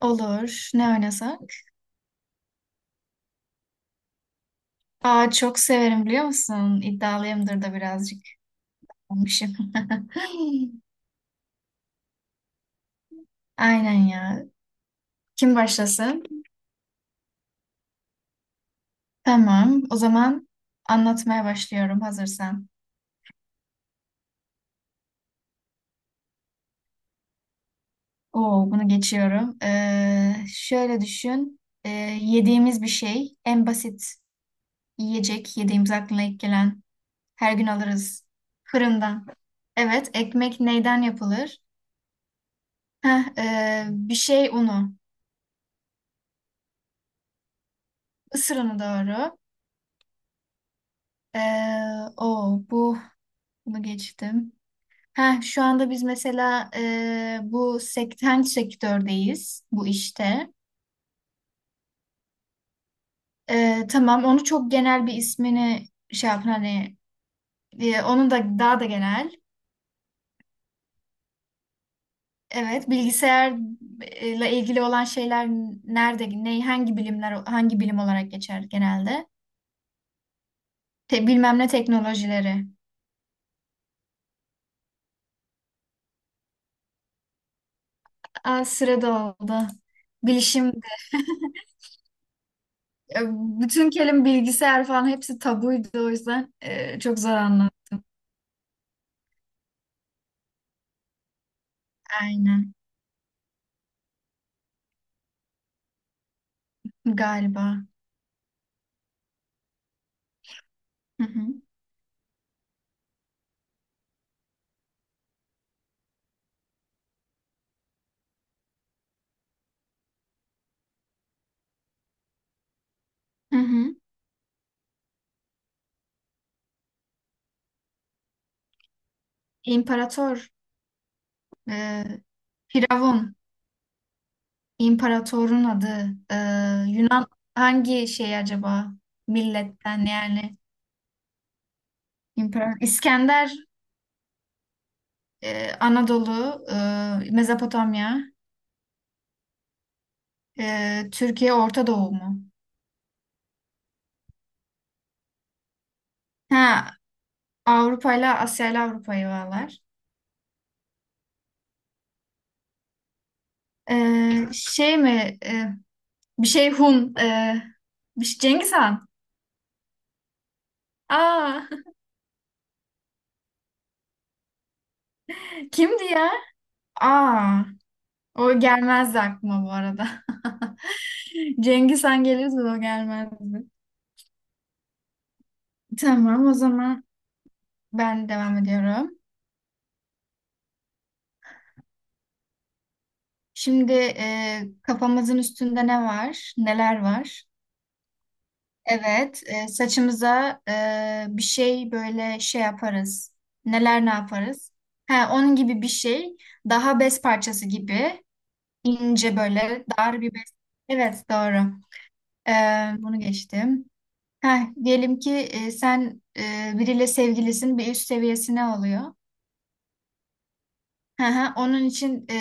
Olur. Ne oynasak? Aa, çok severim biliyor musun? İddialıyımdır da birazcık olmuşum. Aynen ya. Kim başlasın? Tamam. O zaman anlatmaya başlıyorum hazırsan. Oo, bunu geçiyorum. Şöyle düşün. Yediğimiz bir şey. En basit yiyecek. Yediğimiz aklına ilk gelen. Her gün alırız. Fırından. Evet. Ekmek neyden yapılır? Heh, bir şey unu. Isır unu doğru. Ee, o bu bunu geçtim. Ha, şu anda biz mesela, bu sektördeyiz bu işte. Tamam onu, çok genel bir ismini şey yapın hani, onu da daha da genel. Evet, bilgisayarla ilgili olan şeyler nerede, ne, hangi bilimler, hangi bilim olarak geçer genelde? Bilmem ne teknolojileri. Aa, sırada oldu. Bilişim. E, Bütün kelime bilgisayar falan hepsi tabuydu, o yüzden çok zor anladım. Aynen galiba. Hı hı. Hı hı. İmparator, e, Firavun, imparatorun adı, e, Yunan hangi şey acaba, milletten yani? İmparator. İskender, Anadolu, Mezopotamya, Türkiye, Orta Doğu mu? Ha, Avrupa ile Asya ile Avrupa'yı bağlar. E, şey mi? Bir şey Hun. Bir şey, Cengiz Han. Aa, kimdi ya? Aa, o gelmezdi aklıma bu arada. Cengiz Han gelirdi de o gelmezdi. Tamam, o zaman ben devam ediyorum. Şimdi kafamızın üstünde ne var? Neler var? Evet, saçımıza bir şey, böyle şey yaparız. Neler, ne yaparız? Ha, onun gibi bir şey. Daha bez parçası gibi. İnce, böyle dar bir bez. Evet, doğru. Ee, bunu geçtim. Heh, diyelim ki sen biriyle sevgilisin, bir üst seviyesine oluyor. Hı hı, onun için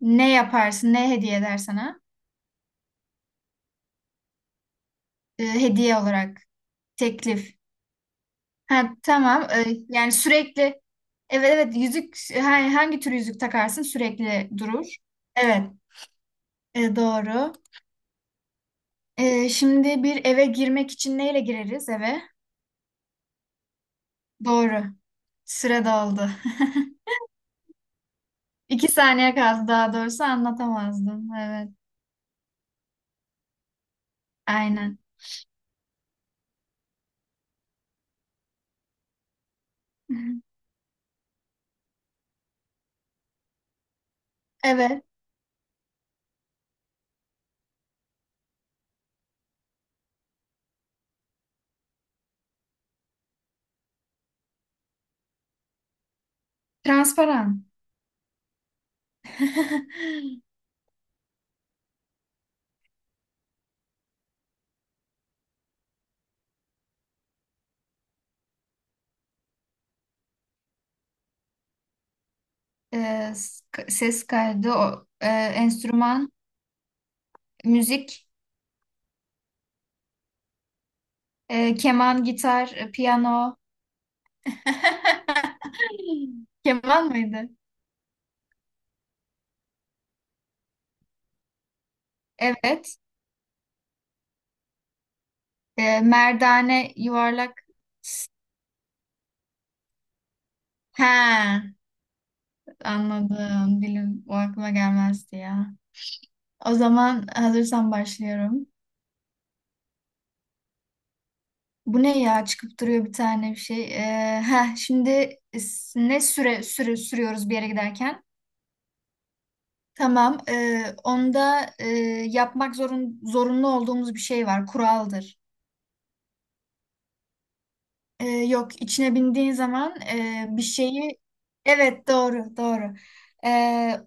ne yaparsın, ne hediye eder sana? Hediye olarak teklif. Ha, tamam. Yani sürekli, evet evet yüzük, hangi tür yüzük takarsın sürekli durur. Evet. Doğru. Şimdi bir eve girmek için neyle gireriz eve? Doğru. Süre doldu. İki saniye kaldı, daha doğrusu anlatamazdım. Evet. Aynen. Evet. Transparan. Ee, s- ses kaydı, o, enstrüman, müzik, keman, gitar, piyano. Keman mıydı? Evet. Merdane, yuvarlak. He, anladım. Dilim, o aklıma gelmezdi ya. O zaman hazırsan başlıyorum. Bu ne ya, çıkıp duruyor bir tane bir şey. Şimdi e, s- ne süre süre sürüyoruz bir yere giderken? Tamam. Onda yapmak zorunlu olduğumuz bir şey var. Kuraldır. Yok, içine bindiğin zaman bir şeyi... Evet, doğru doğru. Ee,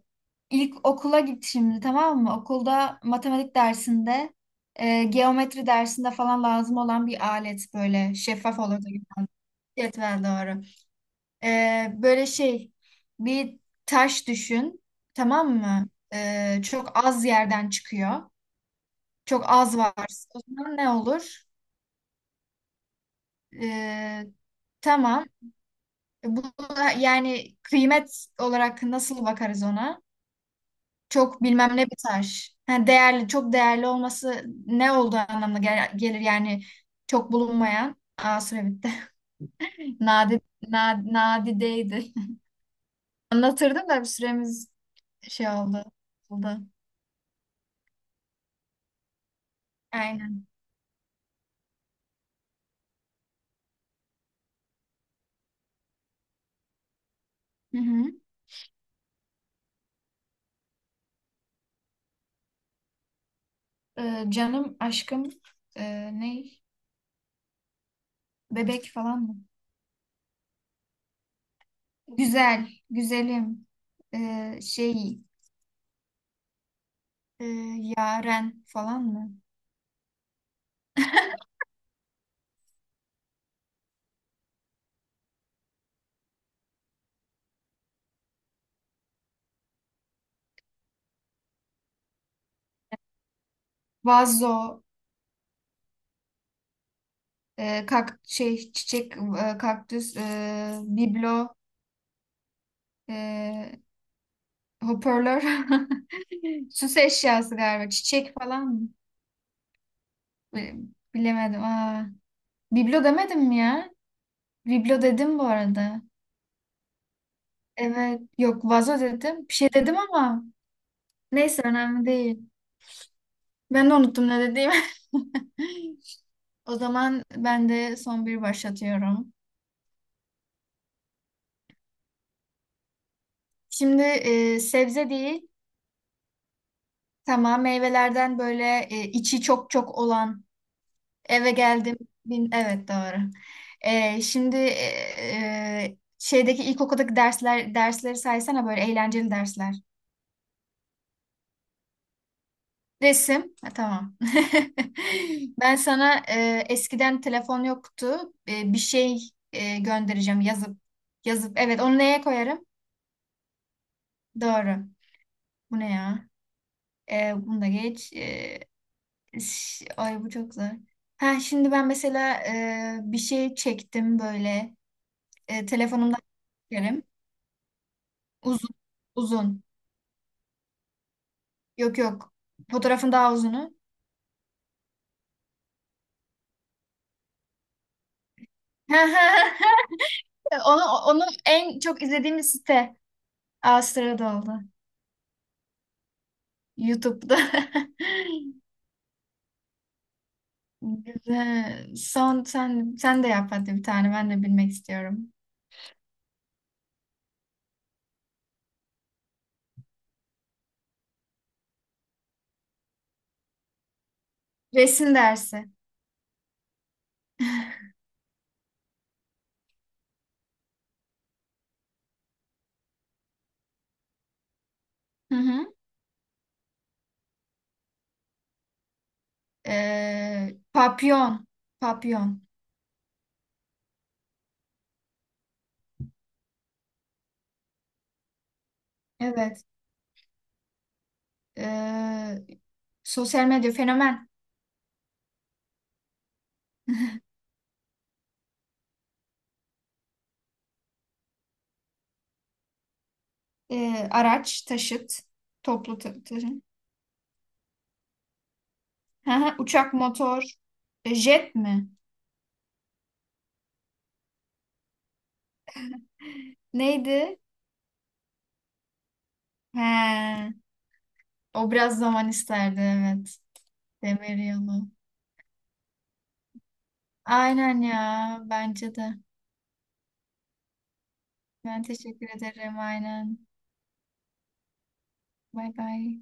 İlk okula git şimdi, tamam mı? Okulda matematik dersinde, geometri dersinde falan lazım olan bir alet, böyle şeffaf olur. Da güzel. Cetvel, doğru. Böyle şey, bir taş düşün, tamam mı? Çok az yerden çıkıyor. Çok az var. O zaman ne olur? Ee, tamam. Bu da, yani kıymet olarak nasıl bakarız ona? Çok bilmem ne bir taş. Ha, değerli, çok değerli olması ne olduğu anlamına gelir, yani çok bulunmayan. Aa, süre bitti. Nadi, nadideydi. Anlatırdım da bir süremiz şey oldu. Aynen. Hı hı. Canım, aşkım, e, ne? Bebek falan mı? Güzel, güzelim, şey, e, yaren falan mı? Vazo, şey, çiçek, kaktüs, biblo, e, hoparlör, süs eşyası galiba, çiçek falan mı? Bi- Bilemedim. Aa, biblo demedim mi ya? Biblo dedim bu arada. Evet, yok vazo dedim. Bir şey dedim ama neyse, önemli değil. Ben de unuttum ne dediğimi. O zaman ben de son bir başlatıyorum. Şimdi sebze değil, tamam meyvelerden, böyle içi çok çok olan eve geldim. Bin, evet doğru. Şimdi e, e, şeydeki ilkokuldaki dersleri saysana, böyle eğlenceli dersler. Resim, ha, tamam. Ben sana eskiden telefon yoktu. Bir şey göndereceğim, yazıp yazıp. Evet, onu neye koyarım? Doğru. Bu ne ya? Bunu da geç. Ay bu çok zor. Ha, şimdi ben mesela bir şey çektim böyle. Telefonumdan çekerim. Uzun. Uzun. Yok yok. Fotoğrafın daha uzunu. Onu, onu en çok izlediğimiz site. Aa, sırada oldu. YouTube'da. Güzel. Son sen de yap hadi bir tane, ben de bilmek istiyorum. Resim dersi. Hı hı. Papyon. Papyon. Evet. Ee, sosyal medya fenomen. Araç, taşıt, toplu taşım. Hı hı, uçak, motor, Jet mi? Neydi? He, o biraz zaman isterdi evet. Demir yolu. Aynen ya, bence de. Ben teşekkür ederim, aynen. Bay bay.